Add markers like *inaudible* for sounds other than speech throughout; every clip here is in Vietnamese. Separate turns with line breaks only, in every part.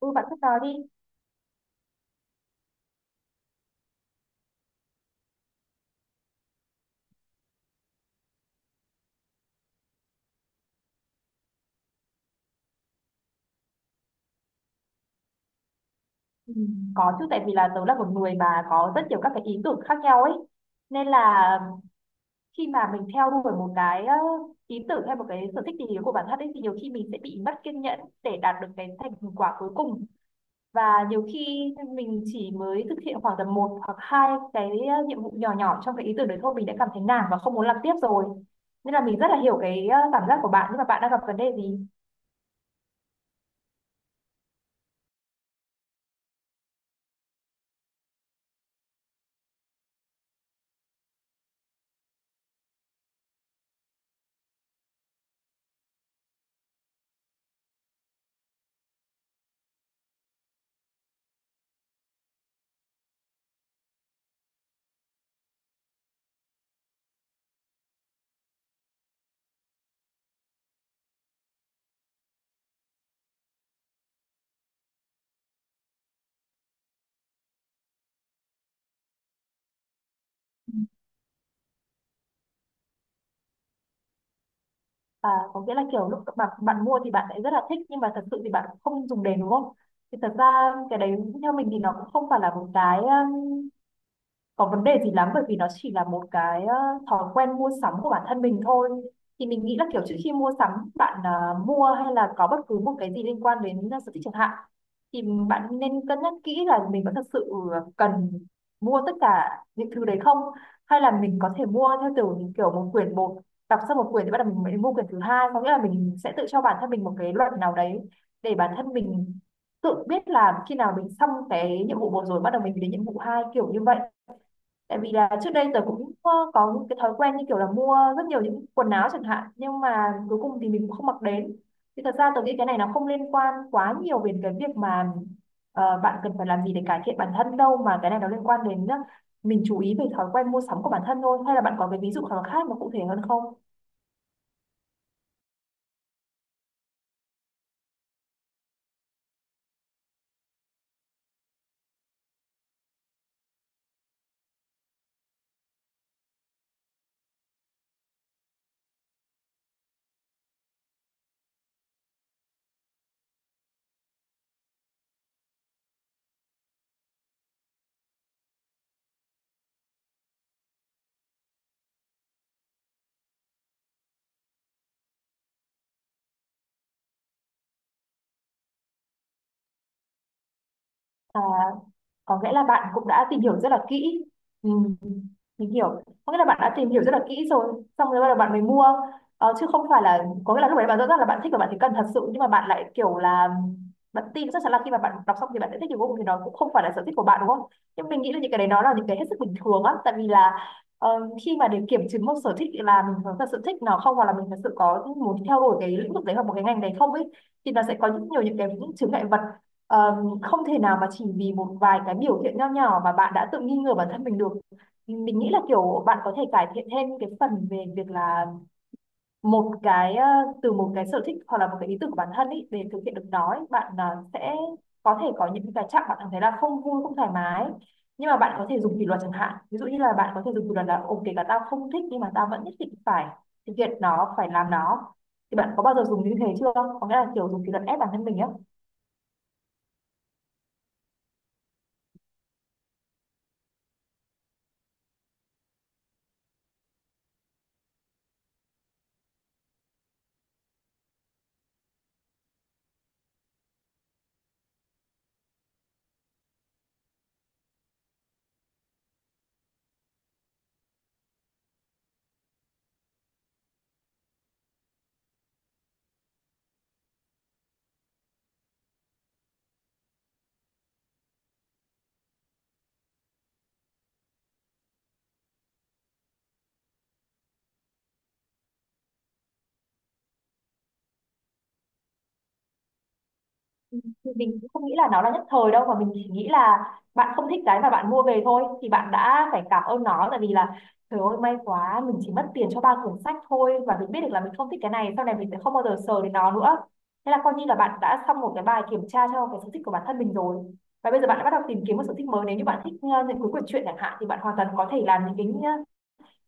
Ừ, bạn cứ nói đi. Ừ, có chứ tại vì là tớ là một người mà có rất nhiều các cái ý tưởng khác nhau ấy. Nên là khi mà mình theo đuổi một cái ý tưởng hay một cái sở thích gì đó của bản thân ấy thì nhiều khi mình sẽ bị mất kiên nhẫn để đạt được cái thành quả cuối cùng. Và nhiều khi mình chỉ mới thực hiện khoảng tầm một hoặc hai cái nhiệm vụ nhỏ nhỏ trong cái ý tưởng đấy thôi mình đã cảm thấy nản và không muốn làm tiếp rồi. Nên là mình rất là hiểu cái cảm giác của bạn, nhưng mà bạn đang gặp vấn đề gì? À, có nghĩa là kiểu lúc bạn bạn mua thì bạn lại rất là thích nhưng mà thật sự thì bạn không dùng đến, đúng không? Thì thật ra cái đấy theo mình thì nó cũng không phải là một cái có vấn đề gì lắm, bởi vì nó chỉ là một cái thói quen mua sắm của bản thân mình thôi. Thì mình nghĩ là kiểu trước khi mua sắm bạn mua hay là có bất cứ một cái gì liên quan đến sở thích chẳng hạn thì bạn nên cân nhắc kỹ là mình có thật sự cần mua tất cả những thứ đấy không, hay là mình có thể mua theo kiểu kiểu một quyển một, đọc xong một quyển thì bắt đầu mình mới mua quyển thứ hai, có nghĩa là mình sẽ tự cho bản thân mình một cái luật nào đấy để bản thân mình tự biết là khi nào mình xong cái nhiệm vụ một rồi bắt đầu mình đến nhiệm vụ hai, kiểu như vậy. Tại vì là trước đây tớ cũng có những cái thói quen như kiểu là mua rất nhiều những quần áo chẳng hạn, nhưng mà cuối cùng thì mình cũng không mặc đến. Thì thật ra tớ nghĩ cái này nó không liên quan quá nhiều về cái việc mà bạn cần phải làm gì để cải thiện bản thân đâu, mà cái này nó liên quan đến mình chú ý về thói quen mua sắm của bản thân thôi. Hay là bạn có cái ví dụ nào khác mà cụ thể hơn không? À, có nghĩa là bạn cũng đã tìm hiểu rất là kỹ. Ừ, mình hiểu, có nghĩa là bạn đã tìm hiểu rất là kỹ rồi xong rồi bắt đầu bạn mới mua, chứ không phải là có nghĩa là lúc đấy bạn rõ ràng là bạn thích và bạn thấy cần thật sự, nhưng mà bạn lại kiểu là bạn tin chắc chắn là khi mà bạn đọc xong thì bạn sẽ thích cái vô cùng, thì nó cũng không phải là sở thích của bạn, đúng không? Nhưng mình nghĩ là những cái đấy nó là những cái hết sức bình thường á, tại vì là ờ, khi mà để kiểm chứng một sở thích là mình có thật sự thích nó không, hoặc là mình thật sự có muốn theo đuổi cái lĩnh vực đấy hoặc một cái ngành đấy không ấy, thì nó sẽ có rất nhiều những cái, những chướng ngại vật. Ờ, không thể nào mà chỉ vì một vài cái biểu hiện nho nhỏ mà bạn đã tự nghi ngờ bản thân mình được. Mình nghĩ là kiểu bạn có thể cải thiện thêm cái phần về việc là một cái từ một cái sở thích hoặc là một cái ý tưởng của bản thân ý, để thực hiện được nó ý, bạn sẽ có thể có những cái chặng bạn cảm thấy là không vui không thoải mái, nhưng mà bạn có thể dùng kỷ luật chẳng hạn, ví dụ như là bạn có thể dùng kỷ luật là ok cả tao không thích, nhưng mà tao vẫn nhất định phải thực hiện nó, phải làm nó. Thì bạn có bao giờ dùng như thế chưa, có nghĩa là kiểu dùng kỷ luật ép bản thân mình á? Thì mình cũng không nghĩ là nó là nhất thời đâu, mà mình chỉ nghĩ là bạn không thích cái mà bạn mua về thôi, thì bạn đã phải cảm ơn nó, tại vì là trời ơi may quá mình chỉ mất tiền cho ba cuốn sách thôi và mình biết được là mình không thích cái này, sau này mình sẽ không bao giờ sờ đến nó nữa. Thế là coi như là bạn đã xong một cái bài kiểm tra cho cái sở thích của bản thân mình rồi. Và bây giờ bạn đã bắt đầu tìm kiếm một sở thích mới, nếu như bạn thích những cuốn quyển truyện chẳng hạn thì bạn hoàn toàn có thể làm những cái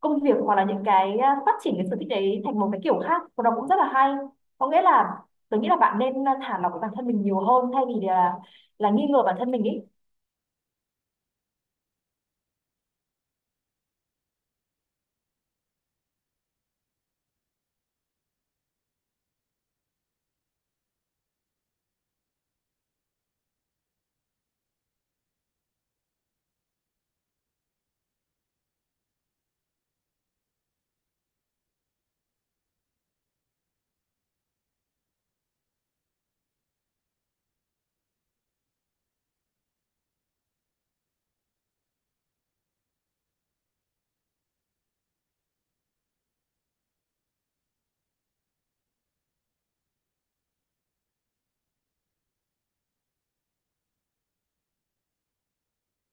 công việc, hoặc là những cái phát triển cái sở thích đấy thành một cái kiểu khác và nó cũng rất là hay. Có nghĩa là tôi nghĩ là bạn nên thả lỏng bản thân mình nhiều hơn, thay vì là nghi ngờ bản thân mình ý.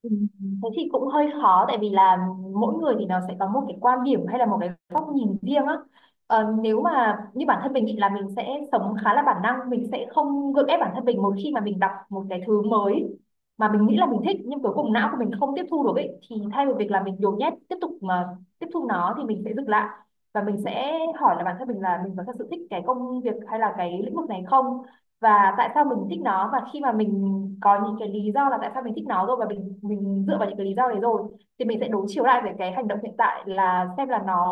Ừ, thế thì cũng hơi khó tại vì là mỗi người thì nó sẽ có một cái quan điểm hay là một cái góc nhìn riêng á. Ờ, nếu mà như bản thân mình thì là mình sẽ sống khá là bản năng, mình sẽ không gượng ép bản thân mình một khi mà mình đọc một cái thứ mới mà mình nghĩ là mình thích nhưng cuối cùng não của mình không tiếp thu được ấy, thì thay vì việc là mình nhồi nhét tiếp tục mà tiếp thu nó thì mình sẽ dừng lại, và mình sẽ hỏi là bản thân mình là mình có thật sự thích cái công việc hay là cái lĩnh vực này không, và tại sao mình thích nó, và khi mà mình có những cái lý do là tại sao mình thích nó rồi và mình dựa vào những cái lý do đấy rồi, thì mình sẽ đối chiếu lại về cái hành động hiện tại là xem là nó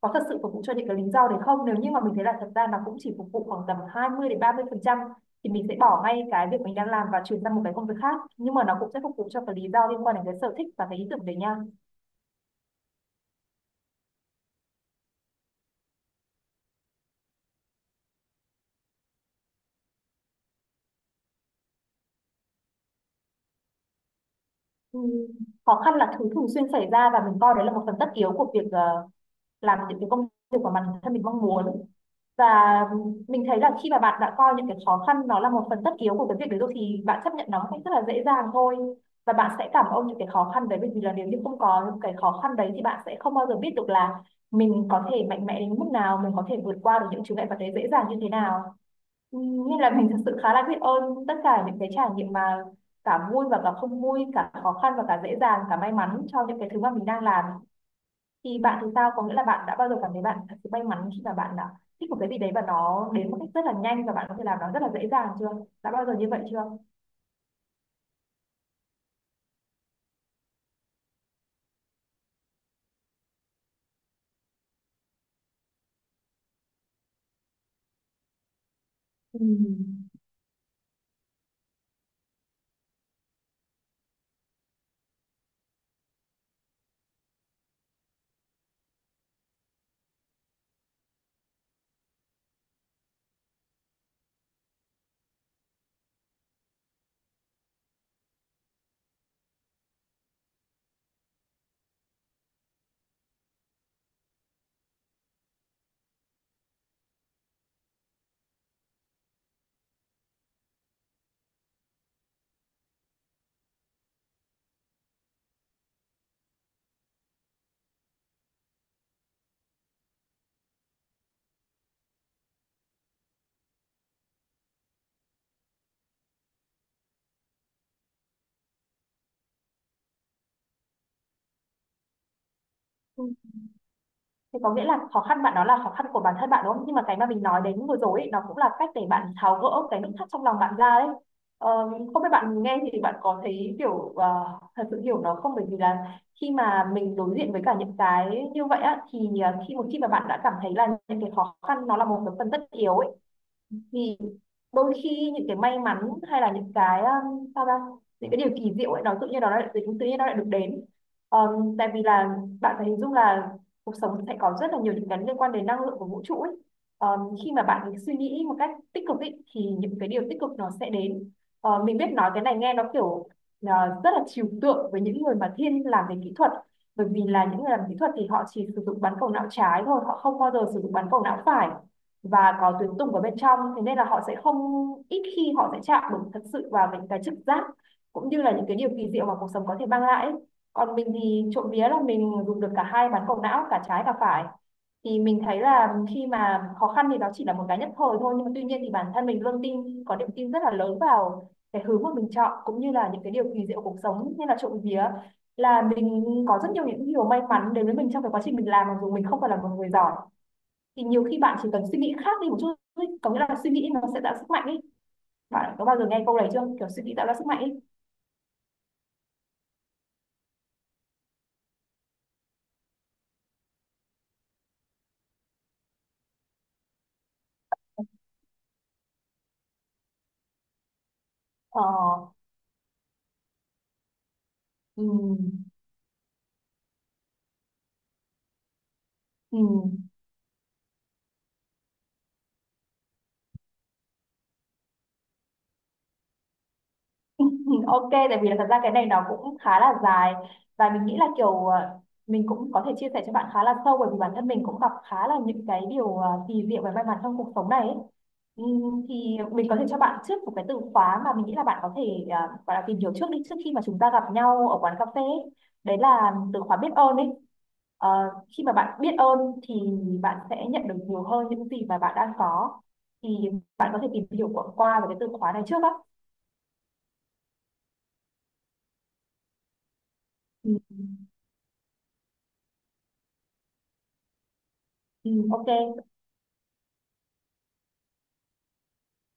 có thật sự phục vụ cho những cái lý do đấy không. Nếu như mà mình thấy là thật ra nó cũng chỉ phục vụ khoảng tầm 20-30% thì mình sẽ bỏ ngay cái việc mình đang làm và chuyển sang một cái công việc khác, nhưng mà nó cũng sẽ phục vụ cho cái lý do liên quan đến cái sở thích và cái ý tưởng đấy nha. Ừm, khó khăn là thứ thường xuyên xảy ra và mình coi đấy là một phần tất yếu của việc làm những cái công việc của bản thân mình mong muốn. Và mình thấy là khi mà bạn đã coi những cái khó khăn nó là một phần tất yếu của cái việc đấy rồi thì bạn chấp nhận nó một cách rất là dễ dàng thôi, và bạn sẽ cảm ơn những cái khó khăn đấy bởi vì là nếu như không có những cái khó khăn đấy thì bạn sẽ không bao giờ biết được là mình có thể mạnh mẽ đến mức nào, mình có thể vượt qua được những chướng ngại vật đấy dễ dàng như thế nào. Ừ, nên là mình thật sự khá là biết ơn tất cả những cái trải nghiệm mà cả vui và cả không vui, cả khó khăn và cả dễ dàng, cả may mắn cho những cái thứ mà mình đang làm. Thì bạn thì sao? Có nghĩa là bạn đã bao giờ cảm thấy bạn thật sự may mắn khi mà bạn đã thích một cái gì đấy và nó đến một cách rất là nhanh và bạn có thể làm nó rất là dễ dàng chưa? Đã bao giờ như vậy chưa? Ừ. Thì có nghĩa là khó khăn bạn đó là khó khăn của bản thân bạn, đúng không? Nhưng mà cái mà mình nói đến vừa rồi ấy, nó cũng là cách để bạn tháo gỡ cái nút thắt trong lòng bạn ra đấy. Ờ, không biết bạn nghe thì bạn có thấy kiểu thật sự hiểu nó không? Bởi vì là khi mà mình đối diện với cả những cái như vậy á, thì ờ, khi một khi mà bạn đã cảm thấy là những cái khó khăn nó là một cái phần tất yếu ấy, thì đôi khi những cái may mắn hay là những cái sao ra những cái điều kỳ diệu ấy nó tự nhiên nó lại tự nhiên nó lại được đến, tại vì là bạn phải hình dung là cuộc sống sẽ có rất là nhiều những cái liên quan đến năng lượng của vũ trụ ấy. Khi mà bạn suy nghĩ một cách tích cực ấy, thì những cái điều tích cực nó sẽ đến. Ờ, mình biết nói cái này nghe nó kiểu rất là trừu tượng với những người mà thiên làm về kỹ thuật, bởi vì là những người làm kỹ thuật thì họ chỉ sử dụng bán cầu não trái thôi, họ không bao giờ sử dụng bán cầu não phải và có tuyến tùng ở bên trong, thế nên là họ sẽ không, ít khi họ sẽ chạm được thật sự vào những cái trực giác cũng như là những cái điều kỳ diệu mà cuộc sống có thể mang lại. Còn mình thì trộm vía là mình dùng được cả hai bán cầu não cả trái cả phải, thì mình thấy là khi mà khó khăn thì nó chỉ là một cái nhất thời thôi, nhưng mà tuy nhiên thì bản thân mình luôn tin có niềm tin rất là lớn vào cái hướng mà mình chọn cũng như là những cái điều kỳ diệu của cuộc sống, nên là trộm vía là mình có rất nhiều những điều may mắn đến với mình trong cái quá trình mình làm, mặc dù mình không phải là một người giỏi. Thì nhiều khi bạn chỉ cần suy nghĩ khác đi một chút thôi, có nghĩa là suy nghĩ nó sẽ tạo sức mạnh ấy. Bạn có bao giờ nghe câu này chưa, kiểu suy nghĩ tạo ra sức mạnh ấy? ờ, ừm, ừm, *laughs* Ok, tại vì là thật ra cái này nó cũng khá là dài, và mình nghĩ là kiểu mình cũng có thể chia sẻ cho bạn khá là sâu bởi vì bản thân mình cũng gặp khá là những cái điều kỳ diệu và may mắn trong cuộc sống này ấy. Thì mình có thể cho bạn trước một cái từ khóa mà mình nghĩ là bạn có thể ờ, gọi là tìm hiểu trước đi trước khi mà chúng ta gặp nhau ở quán cà phê ấy. Đấy là từ khóa biết ơn ấy. Ờ, khi mà bạn biết ơn thì bạn sẽ nhận được nhiều hơn những gì mà bạn đang có. Thì bạn có thể tìm hiểu qua qua về cái từ khóa này trước á. Ừ. Ừ, ok